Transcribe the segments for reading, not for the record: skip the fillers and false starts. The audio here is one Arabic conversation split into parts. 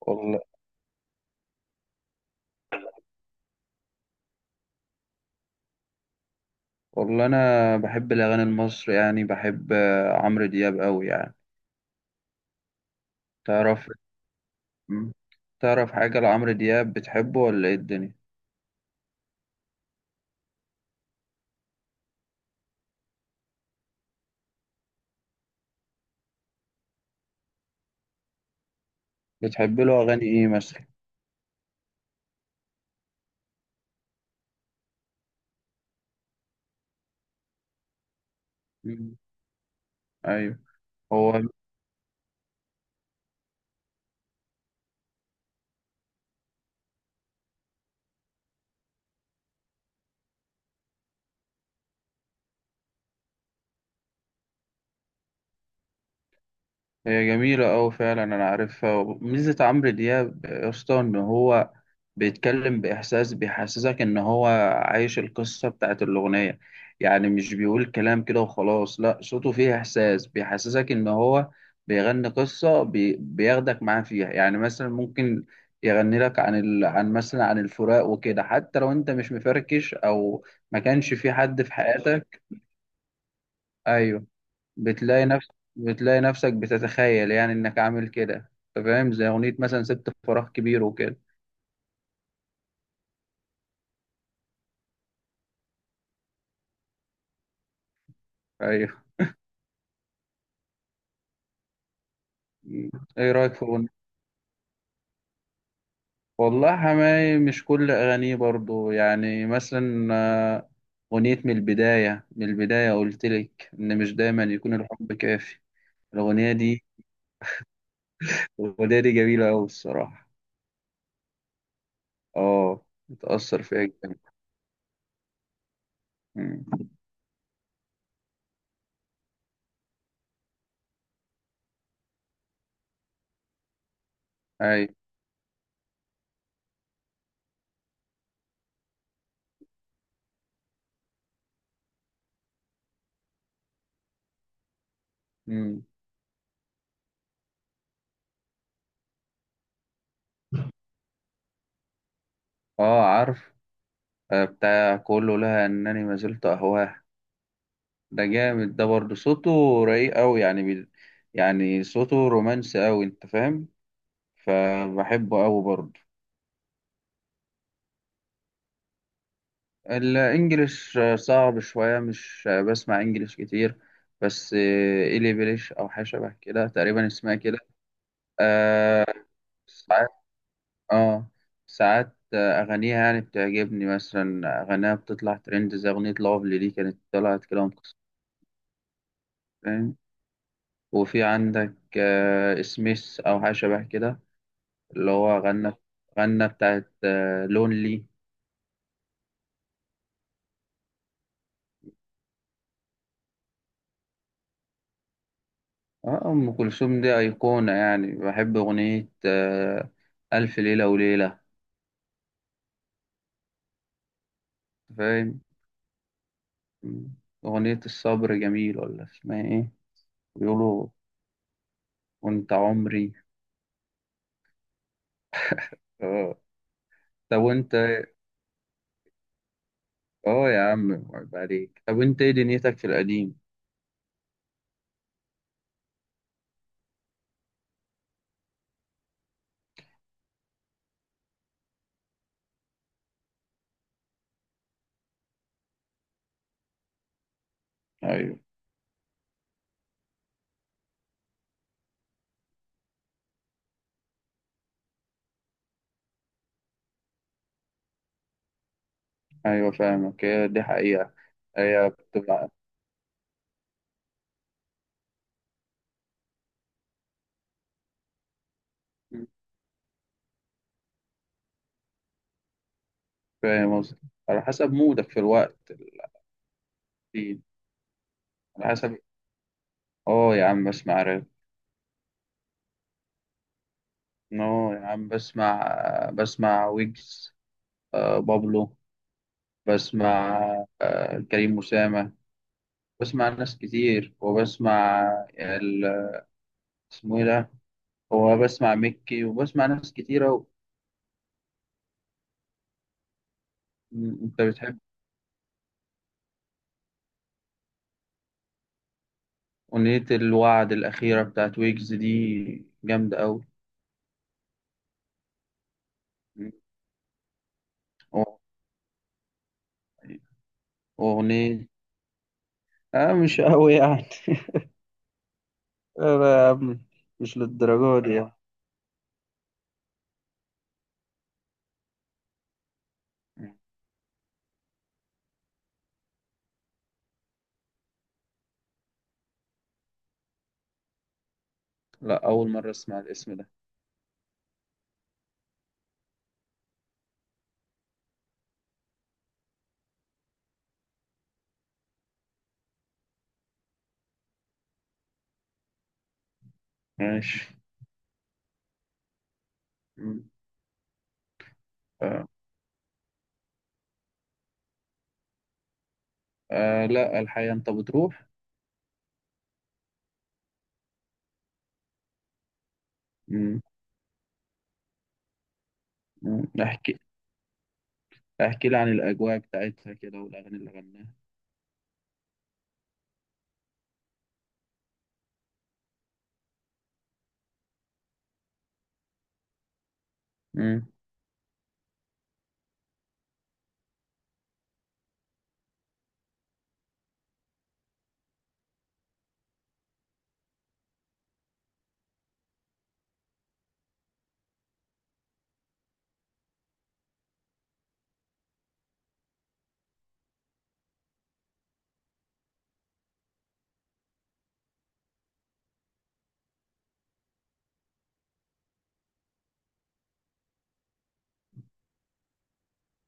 والله والله انا بحب الاغاني المصري يعني بحب عمرو دياب قوي يعني تعرف. مم. تعرف حاجه لعمرو دياب بتحبه ولا ايه الدنيا؟ بتحب له اغاني ايه مثلا؟ مم. ايوه. هو هي جميلة أوي فعلا، أنا عارفها. ميزة عمرو دياب يا اسطى إن هو بيتكلم بإحساس، بيحسسك إن هو عايش القصة بتاعت الأغنية، يعني مش بيقول كلام كده وخلاص، لأ صوته فيه إحساس بيحسسك إن هو بيغني قصة بياخدك معاه فيها. يعني مثلا ممكن يغني لك عن عن مثلا عن الفراق وكده، حتى لو أنت مش مفركش أو ما كانش في حد في حياتك. أيوه. بتلاقي نفسك بتتخيل يعني انك عامل كده، انت فاهم، زي اغنية مثلا سبت فراغ كبير وكده. ايوه. م. ايه رأيك في اغنية؟ والله حماي مش كل اغانيه برضو، يعني مثلا، آه، اغنية من البداية قلت لك ان مش دايما يكون الحب كافي. الاغنية دي، الاغنية دي جميلة اوي الصراحة. اه متأثر فيها جدا. مم. ايوه. مم. اه عارف، بتاع كله لها انني ما زلت اهواه. ده جامد، ده برضه صوته رايق أوي يعني يعني صوته رومانسي أوي أنت فاهم، فبحبه أوي برضه. الإنجليش صعب شوية، مش بسمع إنجليش كتير، بس إيلي بليش أو حاجة شبه كده تقريبا اسمها كده. آه، ساعات، آه ساعات أغانيها يعني بتعجبني، مثلا أغانيها بتطلع ترند زي أغنية لافلي دي كانت طلعت كده ومكسرة، فاهم. وفي عندك سميث أو حاجة شبه كده، اللي هو غنى، غنى بتاعت لونلي. اه أم كلثوم دي أيقونة، يعني بحب أغنية ألف ليلة وليلة، فاهم. أغنية الصبر جميل ولا اسمها إيه؟ بيقولوا وأنت عمري. اه. طب وأنت؟ اه يا عم عيب عليك، طب وأنت إيه دنيتك في القديم؟ أيوه. أيوه فاهمك، هي دي حقيقة. هي بتبقى فاهم قصدي، على حسب مودك في الوقت. على حسب. اه يا عم بسمع راب. نو يا عم، بسمع، بسمع ويجز، بابلو، بسمع كريم أسامة، بسمع ناس كتير وبسمع ال- اسمه ايه ده، هو بسمع مكي وبسمع ناس كتيرة انت بتحب؟ أغنية الوعد الأخيرة بتاعت ويجز دي جامدة أوي. م. و- وأغنية، آه مش أوي يعني. لا يا عم، مش للدرجة دي يعني. م. لا، أول مرة أسمع الاسم ده. ماشي. م. آه. آه لا الحقيقة، أنت بتروح؟ مم. مم. احكي، احكي لي عن الأجواء بتاعتها كده والأغاني اللي غناها. مم.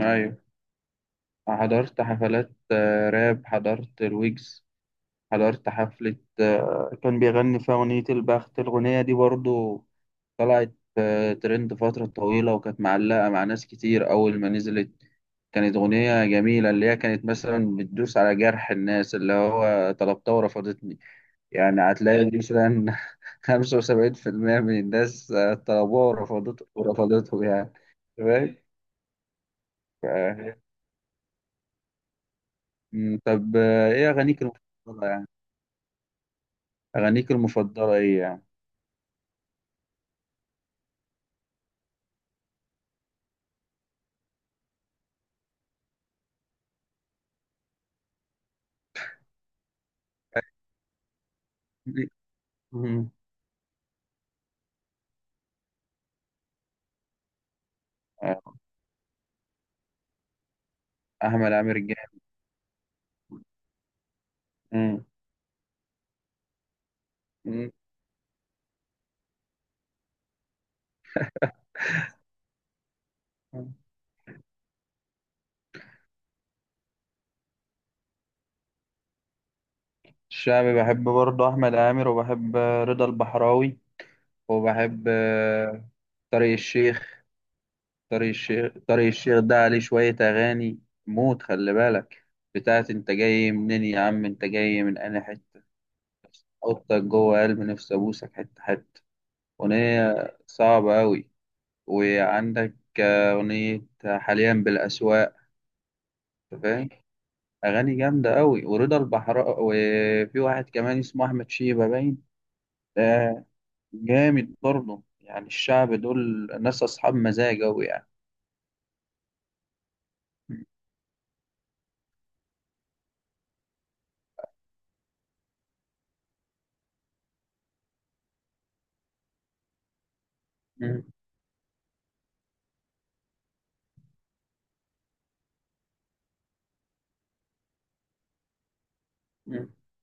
أيوة حضرت حفلات راب، حضرت الويجز، حضرت حفلة كان بيغني فيها أغنية البخت. الأغنية دي برضو طلعت ترند فترة طويلة وكانت معلقة مع ناس كتير أول ما نزلت. كانت أغنية جميلة، اللي هي كانت مثلا بتدوس على جرح الناس، اللي هو طلبتها ورفضتني. يعني هتلاقي مثلا 75% من الناس طلبوها ورفضته يعني. تمام. ف- مم، طب ايه اغانيك المفضله يعني؟ اغانيك المفضله ايه يعني؟ مم. آه، احمد عامر الجامل. مم. مم. الشعبي بحب برضه احمد عامر، وبحب رضا البحراوي، وبحب طارق الشيخ. طارق الشيخ ده عليه شوية أغاني موت، خلي بالك، بتاعت أنت جاي منين يا عم، أنت جاي من أنا حتة، حطك جوه قلب نفسي أبوسك حتة حتة. أغنية صعبة أوي. وعندك أغنية حاليا بالأسواق أنت فاهم، أغاني جامدة أوي. ورضا البحراء، وفي واحد كمان اسمه أحمد شيبة باين، ده جامد برضه، يعني الشعب دول ناس أصحاب مزاج أوي يعني.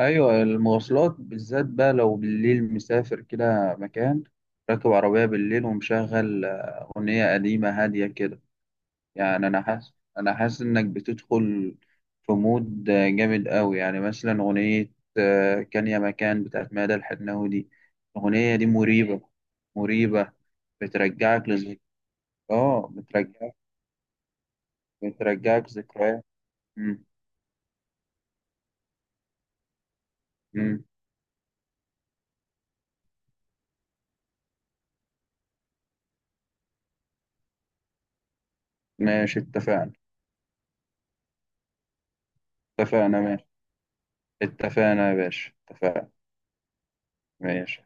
ايوه، المواصلات بالذات بقى، لو بالليل مسافر كده مكان، راكب عربية بالليل ومشغل أغنية قديمة هادية كده، يعني أنا حاسس، أنا حاسس إنك بتدخل في مود جامد قوي. يعني مثلا أغنية كان يا مكان بتاعت مادة الحناوي دي، الأغنية دي مريبة، مريبة، بترجعك لذك، آه بترجعك، بترجعك ذكريات. مم، مم. ماشي اتفقنا. اتفقنا ماشي. اتفقنا يا باشا اتفقنا. ماشي.